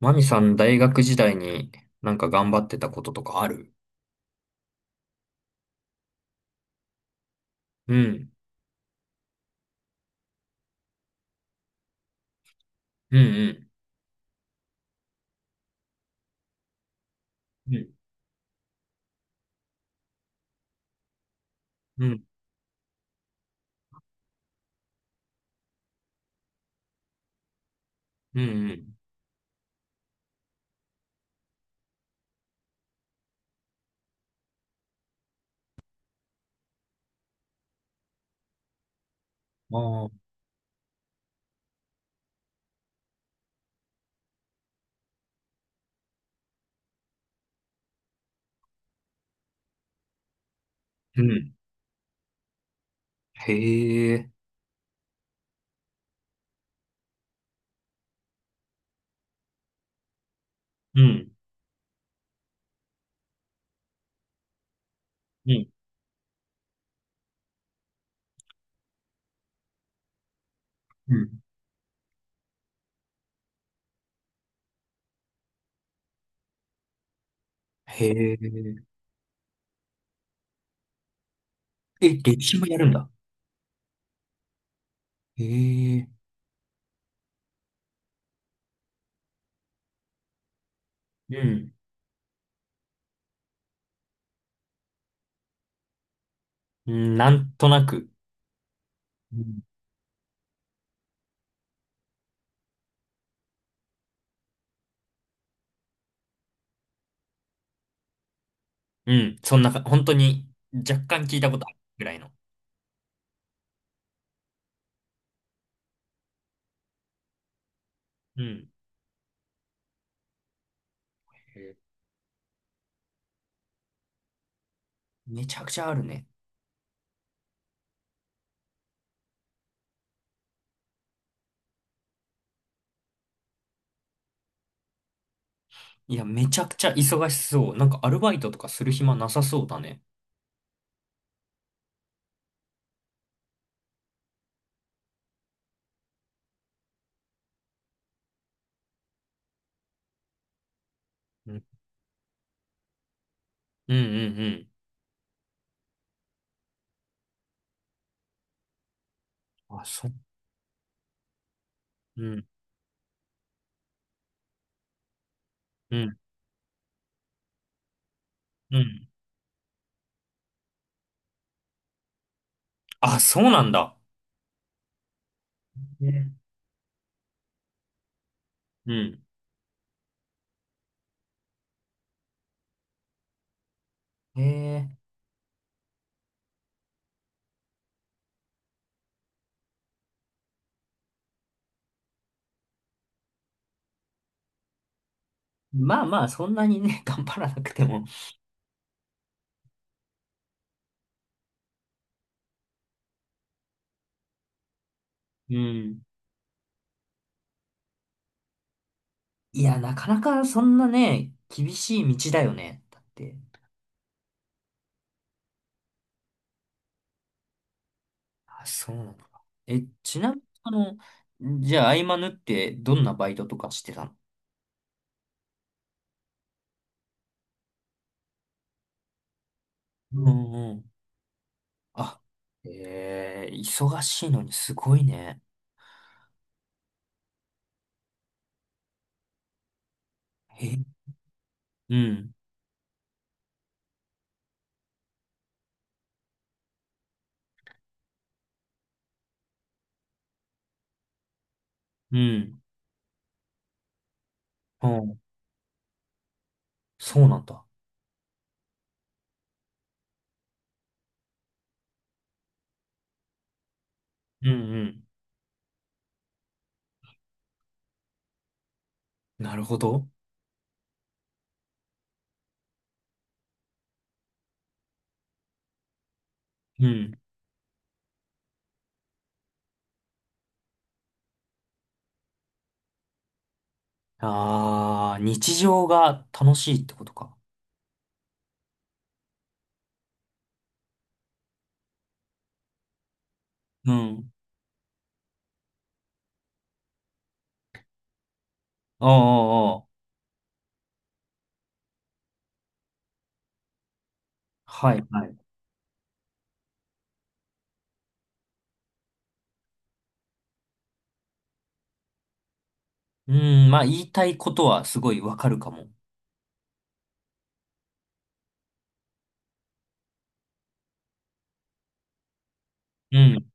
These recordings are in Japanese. マミさん、大学時代になんか頑張ってたこととかある？うん、うん、うん、うん、うん、うんうん。ああー、うん。へえ、うん、うん、うん。へえ。え、歴史もやるんだ。へえ、うん、うん、なんとなく。うん、うん、そんなか、本当に若干聞いたことあるぐらいの。うん。へえ、めちゃくちゃあるね。いや、めちゃくちゃ忙しそう。なんかアルバイトとかする暇なさそうだね。うん、うん、うん。うん、あ、そう。うんうん。うん。あ、そうなんだ。ね。うん。ええ。まあまあ、そんなにね、頑張らなくても。うん。いや、なかなかそんなね、厳しい道だよね。だって。あ、そうなのか。え、ちなみに、じゃあ、合間縫ってどんなバイトとかしてたの？うんうん。あ、ええ、忙しいのにすごいね。え、うん、うん、うん、そうなんだ。うんうん。なるほど。うん。ああ、日常が楽しいってことか。うん。おうおうおう。はい、はい。うん、まあ言いたいことはすごいわかるかも。うん、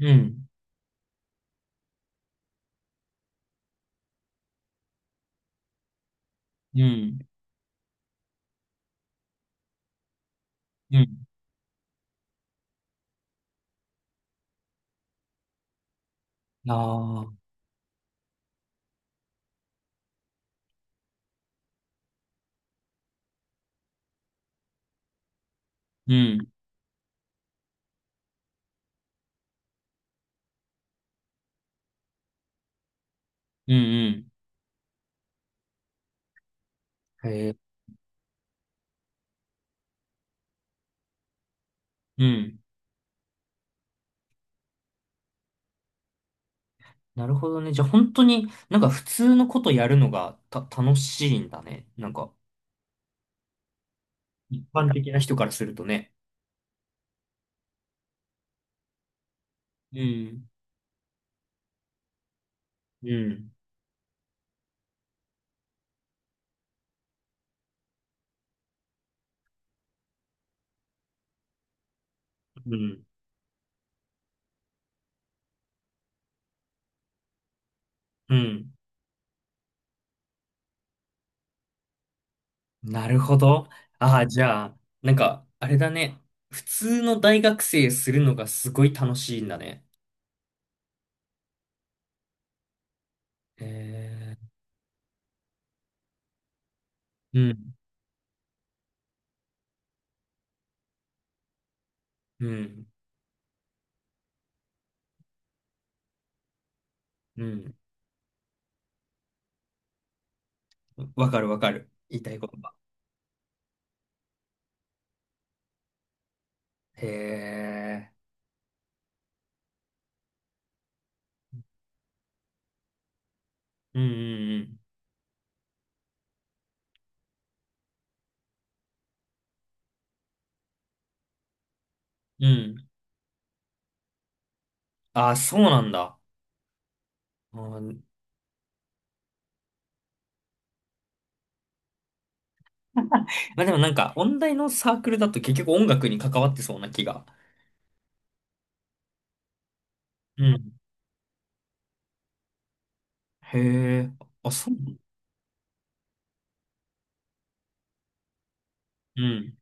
うん、うん、うん。ああ、うん、うん、うん、へえ、うん。なるほどね。じゃあ本当になんか普通のことやるのが楽しいんだね。なんか一般的な人からするとね。うん。うん、うん、うん。なるほど。ああ、じゃあ、なんか、あれだね。普通の大学生するのがすごい楽しいんだね。へえー。うん、うん、うん。わかるわかる。言いたいことが。へえ。うん、うん、うん。うん。ああ、そうなんだ。うん、まあでもなんか、音大のサークルだと結局音楽に関わってそうな気が。うん。へえ。あ、そう。うん。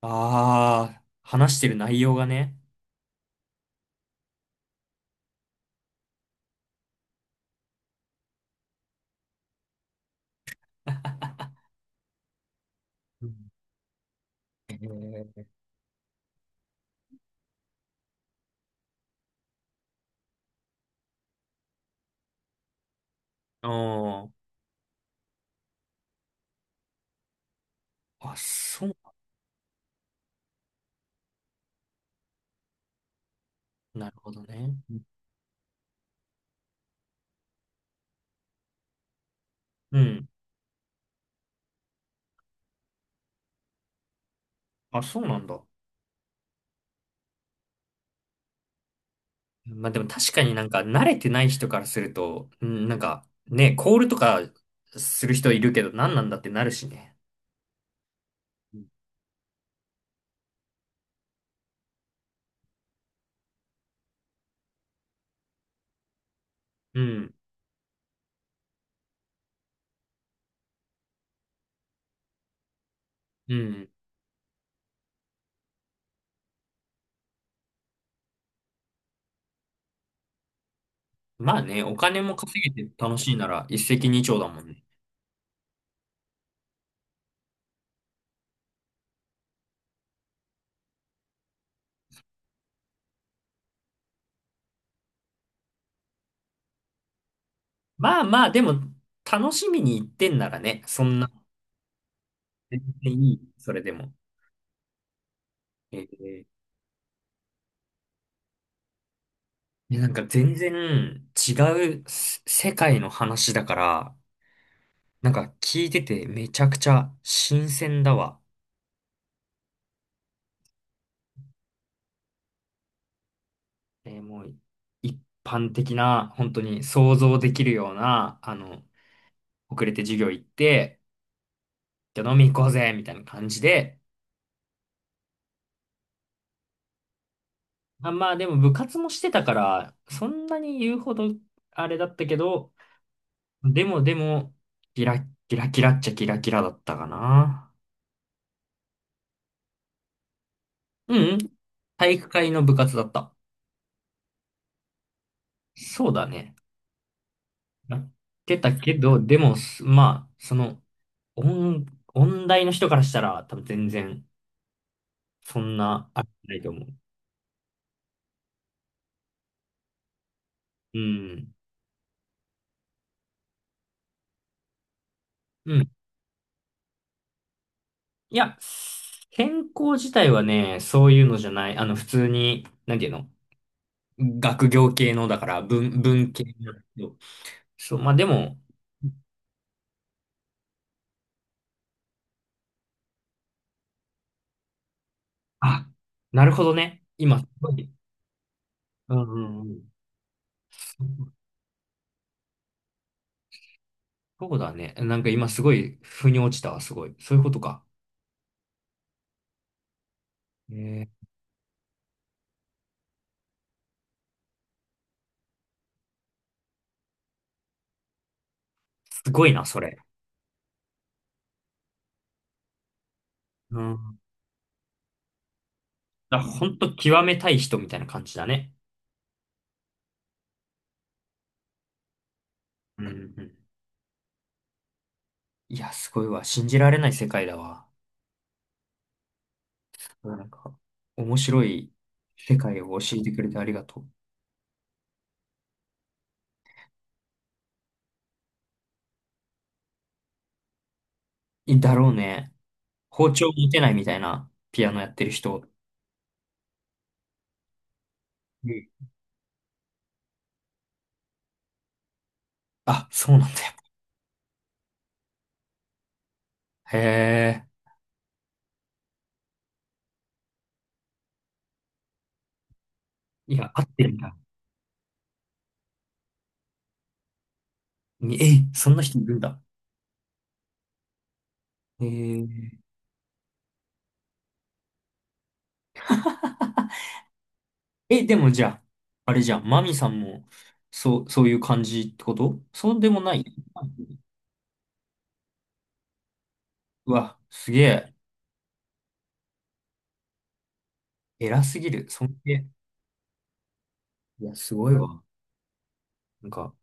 ああ、話してる内容がね。うん、へえ。うん。あ、そう、なるほどね。うん。あ、そうなんだ。まあでも確かになんか慣れてない人からすると、うん、なんかね、コールとかする人いるけど何なんだってなるしね。うんうん。まあね、お金も稼げて楽しいなら一石二鳥だもんね。まあまあ、でも楽しみに行ってんならね、そんな、全然いい。それでも。えー、いやなんか全然違う世界の話だから、なんか聞いててめちゃくちゃ新鮮だわ。もう一般的な、本当に想像できるような、遅れて授業行って、じゃあ飲み行こうぜみたいな感じで、あ、まあでも部活もしてたから、そんなに言うほどあれだったけど、でもでも、キラッキラキラっちゃキラキラだったかな。うんうん、体育会の部活だった。そうだね。なってたけど、でも、まあ、音、音大の人からしたら、多分全然、そんな、あれないと思う。うん。うん。いや、専攻自体はね、そういうのじゃない。普通に、なんていうの？学業系の、だから、文系なんだけど。そう、まあでも、あ、なるほどね。今、すごい。うんうんうん。そうそうだね。なんか今すごい、腑に落ちたわ、すごい。そういうことか。えー、すごいな、それ。うん、ほんと極めたい人みたいな感じだね。うんうんうん。いや、すごいわ。信じられない世界だわ。なんか、面白い世界を教えてくれてありがとう。いだろうね。包丁持てないみたいなピアノやってる人。うん、あ、そうなんだよ。へえ。いや、合ってるんだ。え、そんな人いるんだ。へえ。え、でもじゃあ、あれじゃん。マミさんも、そう、そういう感じってこと？そうでもない？うわ、すげえ。偉すぎる。尊敬。いや、すごいわ。なんか、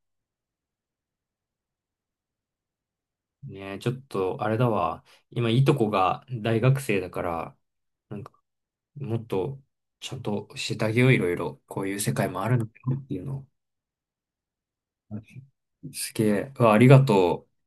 ね、ちょっと、あれだわ。今、いとこが大学生だから、なんか、もっと、ちゃんと教えてあげよう、いろいろ。こういう世界もあるんだよっていうのを。すげえ。うわ、ありがとう。